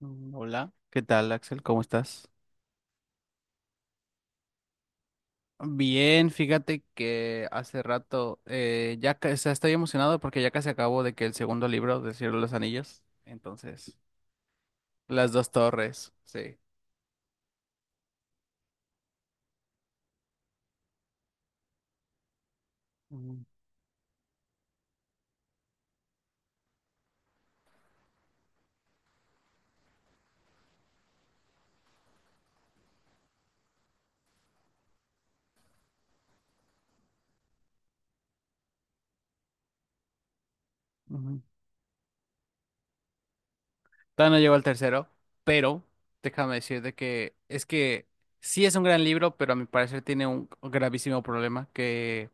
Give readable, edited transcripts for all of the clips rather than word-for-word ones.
Hola, ¿qué tal, Axel? ¿Cómo estás? Bien, fíjate que hace rato o sea, estoy emocionado porque ya casi acabo de que el segundo libro de Cielo de los Anillos, entonces, Las dos torres, sí. Ujú, ujú. Todavía no llego al tercero, pero déjame decirte que es que sí es un gran libro, pero a mi parecer tiene un gravísimo problema que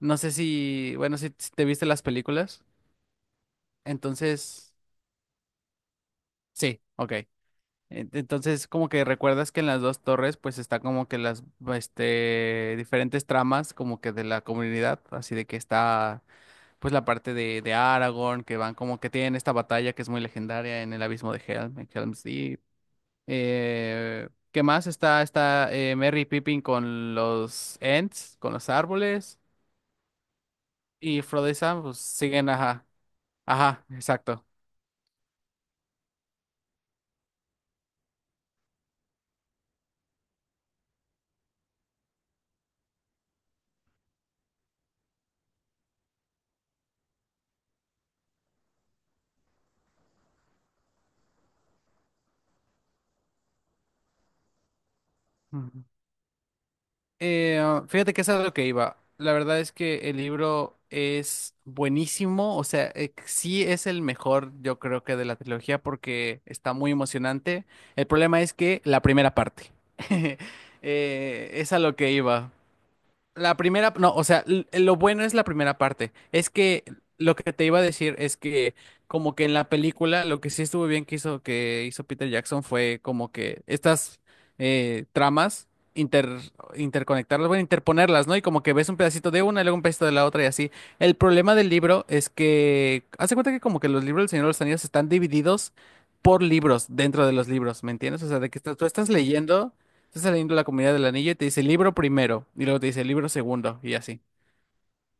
no sé si, bueno, si te viste las películas, entonces, sí, ok. Entonces, como que recuerdas que en las dos torres, pues está como que las, este, diferentes tramas como que de la comunidad, así de que está, pues la parte de Aragorn, que van como que tienen esta batalla que es muy legendaria en el abismo de Helm, en Helm's Deep. ¿Qué más? Está, está Merry y Pippin con los Ents, con los árboles, y Frodo y Sam, pues siguen, ajá, ajá, exacto. Fíjate que eso es a lo que iba. La verdad es que el libro es buenísimo, o sea, sí es el mejor, yo creo que de la trilogía porque está muy emocionante. El problema es que la primera parte. Es a lo que iba. La primera, no, o sea, lo bueno es la primera parte. Es que lo que te iba a decir es que como que en la película lo que sí estuvo bien que hizo Peter Jackson fue como que estas tramas inter interconectarlas, bueno, interponerlas, ¿no? Y como que ves un pedacito de una y luego un pedacito de la otra y así. El problema del libro es que hace cuenta que como que los libros del Señor de los Anillos están divididos por libros dentro de los libros, ¿me entiendes? O sea, de que tú estás leyendo. Estás saliendo de la comunidad del anillo y te dice libro primero, y luego te dice libro segundo, y así.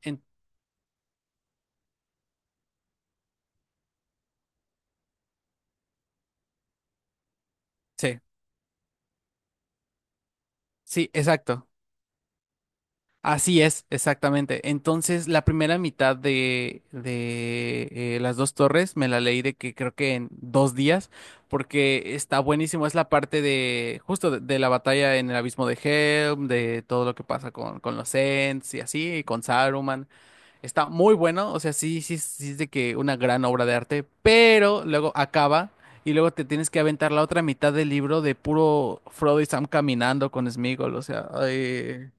En- sí, sí, exacto. Así es, exactamente. Entonces, la primera mitad de Las Dos Torres me la leí de que creo que en dos días, porque está buenísimo. Es la parte de, justo de la batalla en el abismo de Helm, de todo lo que pasa con los Ents y así, y con Saruman. Está muy bueno, o sea, sí, sí, sí es de que una gran obra de arte, pero luego acaba y luego te tienes que aventar la otra mitad del libro de puro Frodo y Sam caminando con Sméagol, o sea, ay,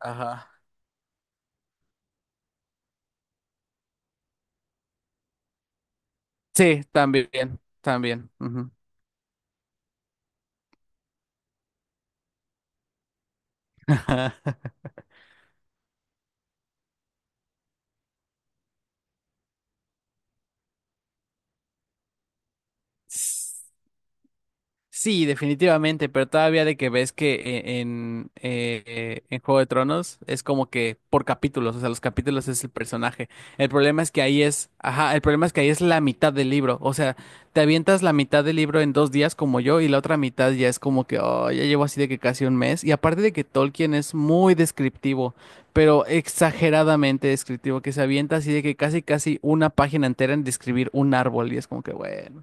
ajá. Sí, también, también. Ujú. Sí, definitivamente, pero todavía de que ves que en Juego de Tronos es como que por capítulos, o sea, los capítulos es el personaje. El problema es que ahí es, ajá, el problema es que ahí es la mitad del libro, o sea, te avientas la mitad del libro en dos días como yo y la otra mitad ya es como que, oh, ya llevo así de que casi un mes. Y aparte de que Tolkien es muy descriptivo, pero exageradamente descriptivo, que se avienta así de que casi casi una página entera en describir un árbol y es como que, bueno.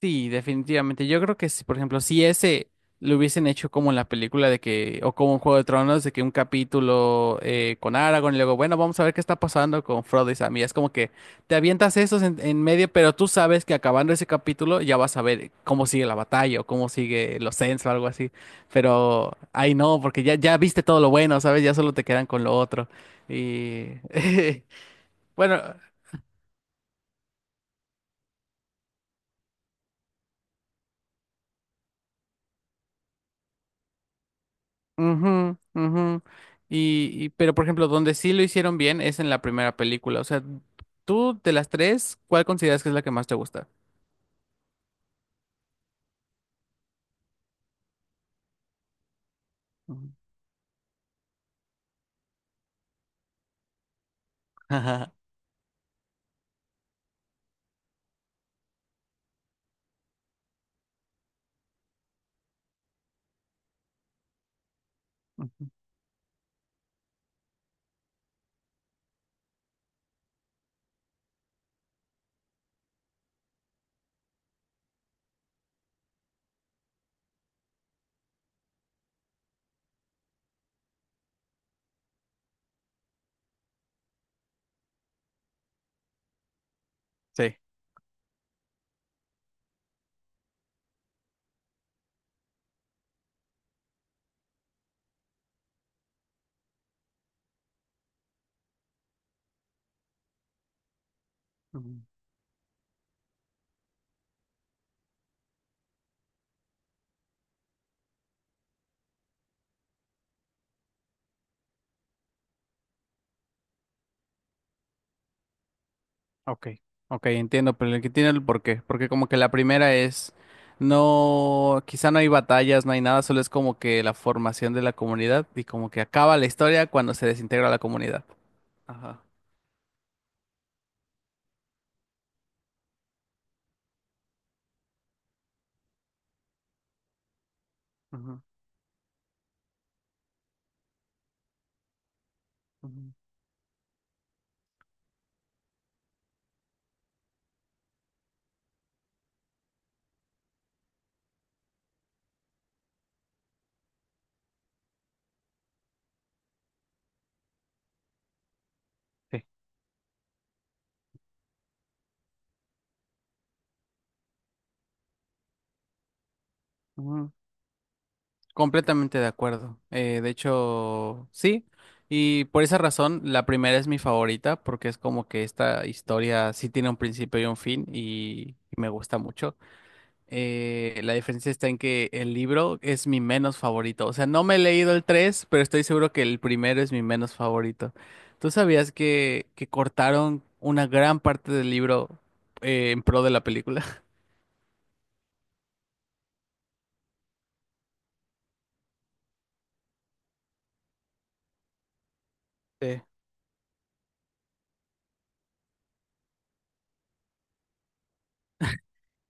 Sí, definitivamente. Yo creo que si, por ejemplo, si ese lo hubiesen hecho como en la película de que, o como en Juego de Tronos, de que un capítulo con Aragorn y luego, bueno, vamos a ver qué está pasando con Frodo y Sam. Y es como que te avientas esos en medio, pero tú sabes que acabando ese capítulo ya vas a ver cómo sigue la batalla o cómo sigue los Ents o algo así. Pero ahí no, porque ya, ya viste todo lo bueno, ¿sabes? Ya solo te quedan con lo otro. Y bueno. Ujú, ujú. Pero por ejemplo, donde sí lo hicieron bien es en la primera película. O sea, tú de las tres, ¿cuál consideras que es la que más te gusta? Ujú. Ujú. Sí. Ujú. Ok, ok, entiendo, pero el que tiene el porqué, porque como que la primera es, no, quizá no hay batallas, no hay nada, solo es como que la formación de la comunidad y como que acaba la historia cuando se desintegra la comunidad. Ajá. Ujú. Ujú. Sí. Completamente de acuerdo. De hecho, sí. Y por esa razón, la primera es mi favorita, porque es como que esta historia sí tiene un principio y un fin, y me gusta mucho. La diferencia está en que el libro es mi menos favorito. O sea, no me he leído el 3 pero estoy seguro que el primero es mi menos favorito. ¿Tú sabías que cortaron una gran parte del libro en pro de la película? Sí.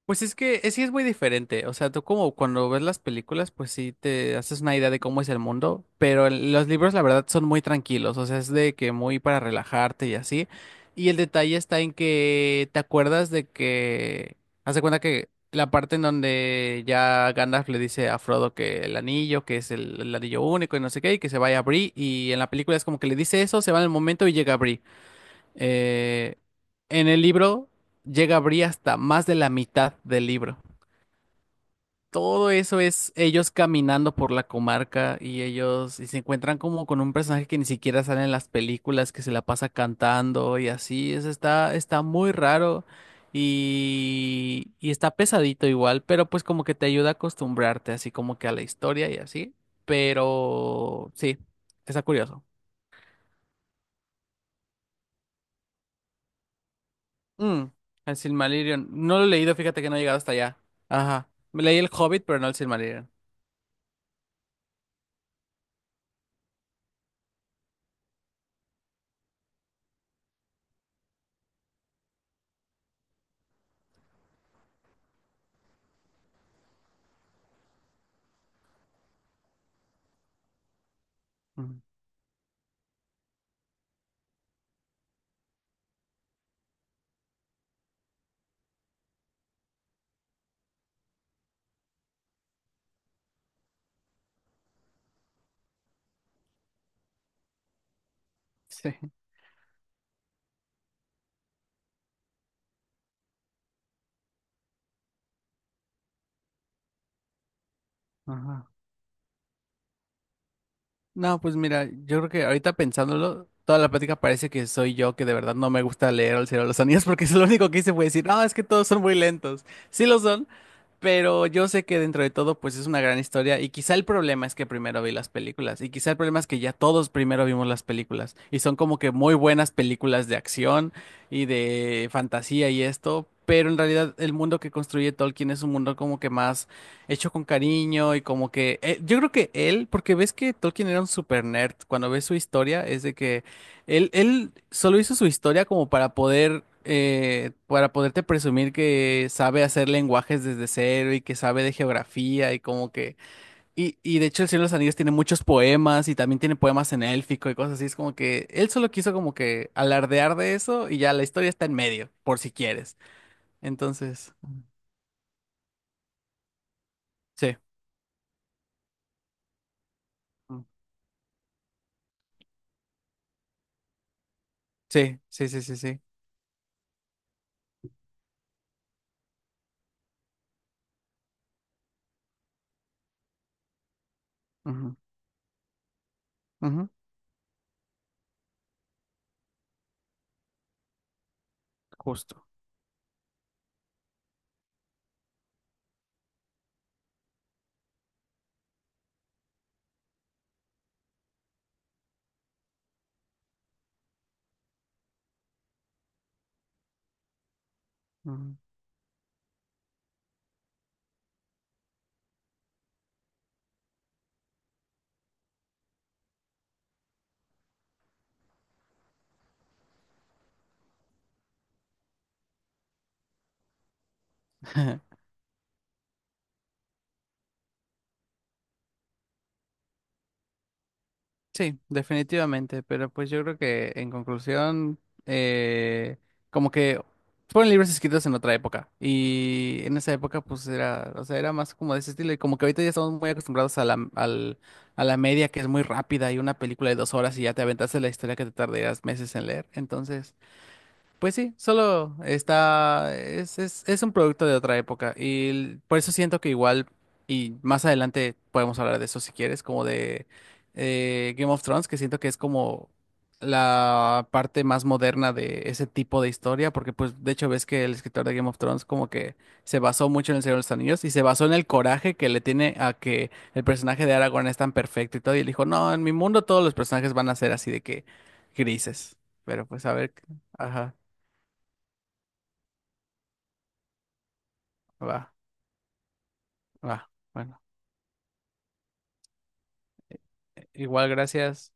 Pues es que es, sí es muy diferente, o sea, tú como cuando ves las películas, pues sí te haces una idea de cómo es el mundo, pero los libros la verdad son muy tranquilos, o sea, es de que muy para relajarte y así, y el detalle está en que te acuerdas de que, haz de cuenta que la parte en donde ya Gandalf le dice a Frodo que el anillo, que es el anillo único y no sé qué, y que se vaya a Bree, y en la película es como que le dice eso, se va en el momento y llega a eh, en el libro llega a abrir hasta más de la mitad del libro. Todo eso es ellos caminando por la comarca y ellos y se encuentran como con un personaje que ni siquiera sale en las películas, que se la pasa cantando y así. Eso está, está muy raro y está pesadito igual, pero pues como que te ayuda a acostumbrarte así como que a la historia y así. Pero sí, está curioso. Mm, el Silmarillion. No lo he leído, fíjate que no he llegado hasta allá. Ajá. Me leí el Hobbit, pero no el Silmarillion. Ujú. Sí. Ajá. No, pues mira, yo creo que ahorita pensándolo, toda la plática parece que soy yo que de verdad no me gusta leer El Señor de los Anillos porque es lo único que hice fue decir, no, es que todos son muy lentos. Sí lo son, pero yo sé que dentro de todo pues es una gran historia y quizá el problema es que primero vi las películas y quizá el problema es que ya todos primero vimos las películas y son como que muy buenas películas de acción y de fantasía y esto, pero en realidad el mundo que construye Tolkien es un mundo como que más hecho con cariño y como que yo creo que él, porque ves que Tolkien era un super nerd, cuando ves su historia es de que él solo hizo su historia como para poder para poderte presumir que sabe hacer lenguajes desde cero y que sabe de geografía y como que y de hecho El Señor de los Anillos tiene muchos poemas y también tiene poemas en élfico y cosas así, es como que él solo quiso como que alardear de eso y ya la historia está en medio, por si quieres. Entonces, sí, mm, sí, sí, sí, sí, sí. Ujú. Ujú, Justo. Ujú. Sí, definitivamente, pero pues yo creo que en conclusión, eh, como que fueron libros escritos en otra época y en esa época pues era, o sea, era más como de ese estilo y como que ahorita ya estamos muy acostumbrados a la, a la media que es muy rápida y una película de dos horas y ya te aventaste la historia que te tardarías meses en leer, entonces... Pues sí, solo está, es un producto de otra época y por eso siento que igual, y más adelante podemos hablar de eso si quieres, como de Game of Thrones, que siento que es como la parte más moderna de ese tipo de historia, porque pues de hecho ves que el escritor de Game of Thrones como que se basó mucho en El Señor de los Anillos y se basó en el coraje que le tiene a que el personaje de Aragorn es tan perfecto y todo, y él dijo, no, en mi mundo todos los personajes van a ser así de que grises, pero pues a ver, ajá. Va, va. Bueno, igual gracias.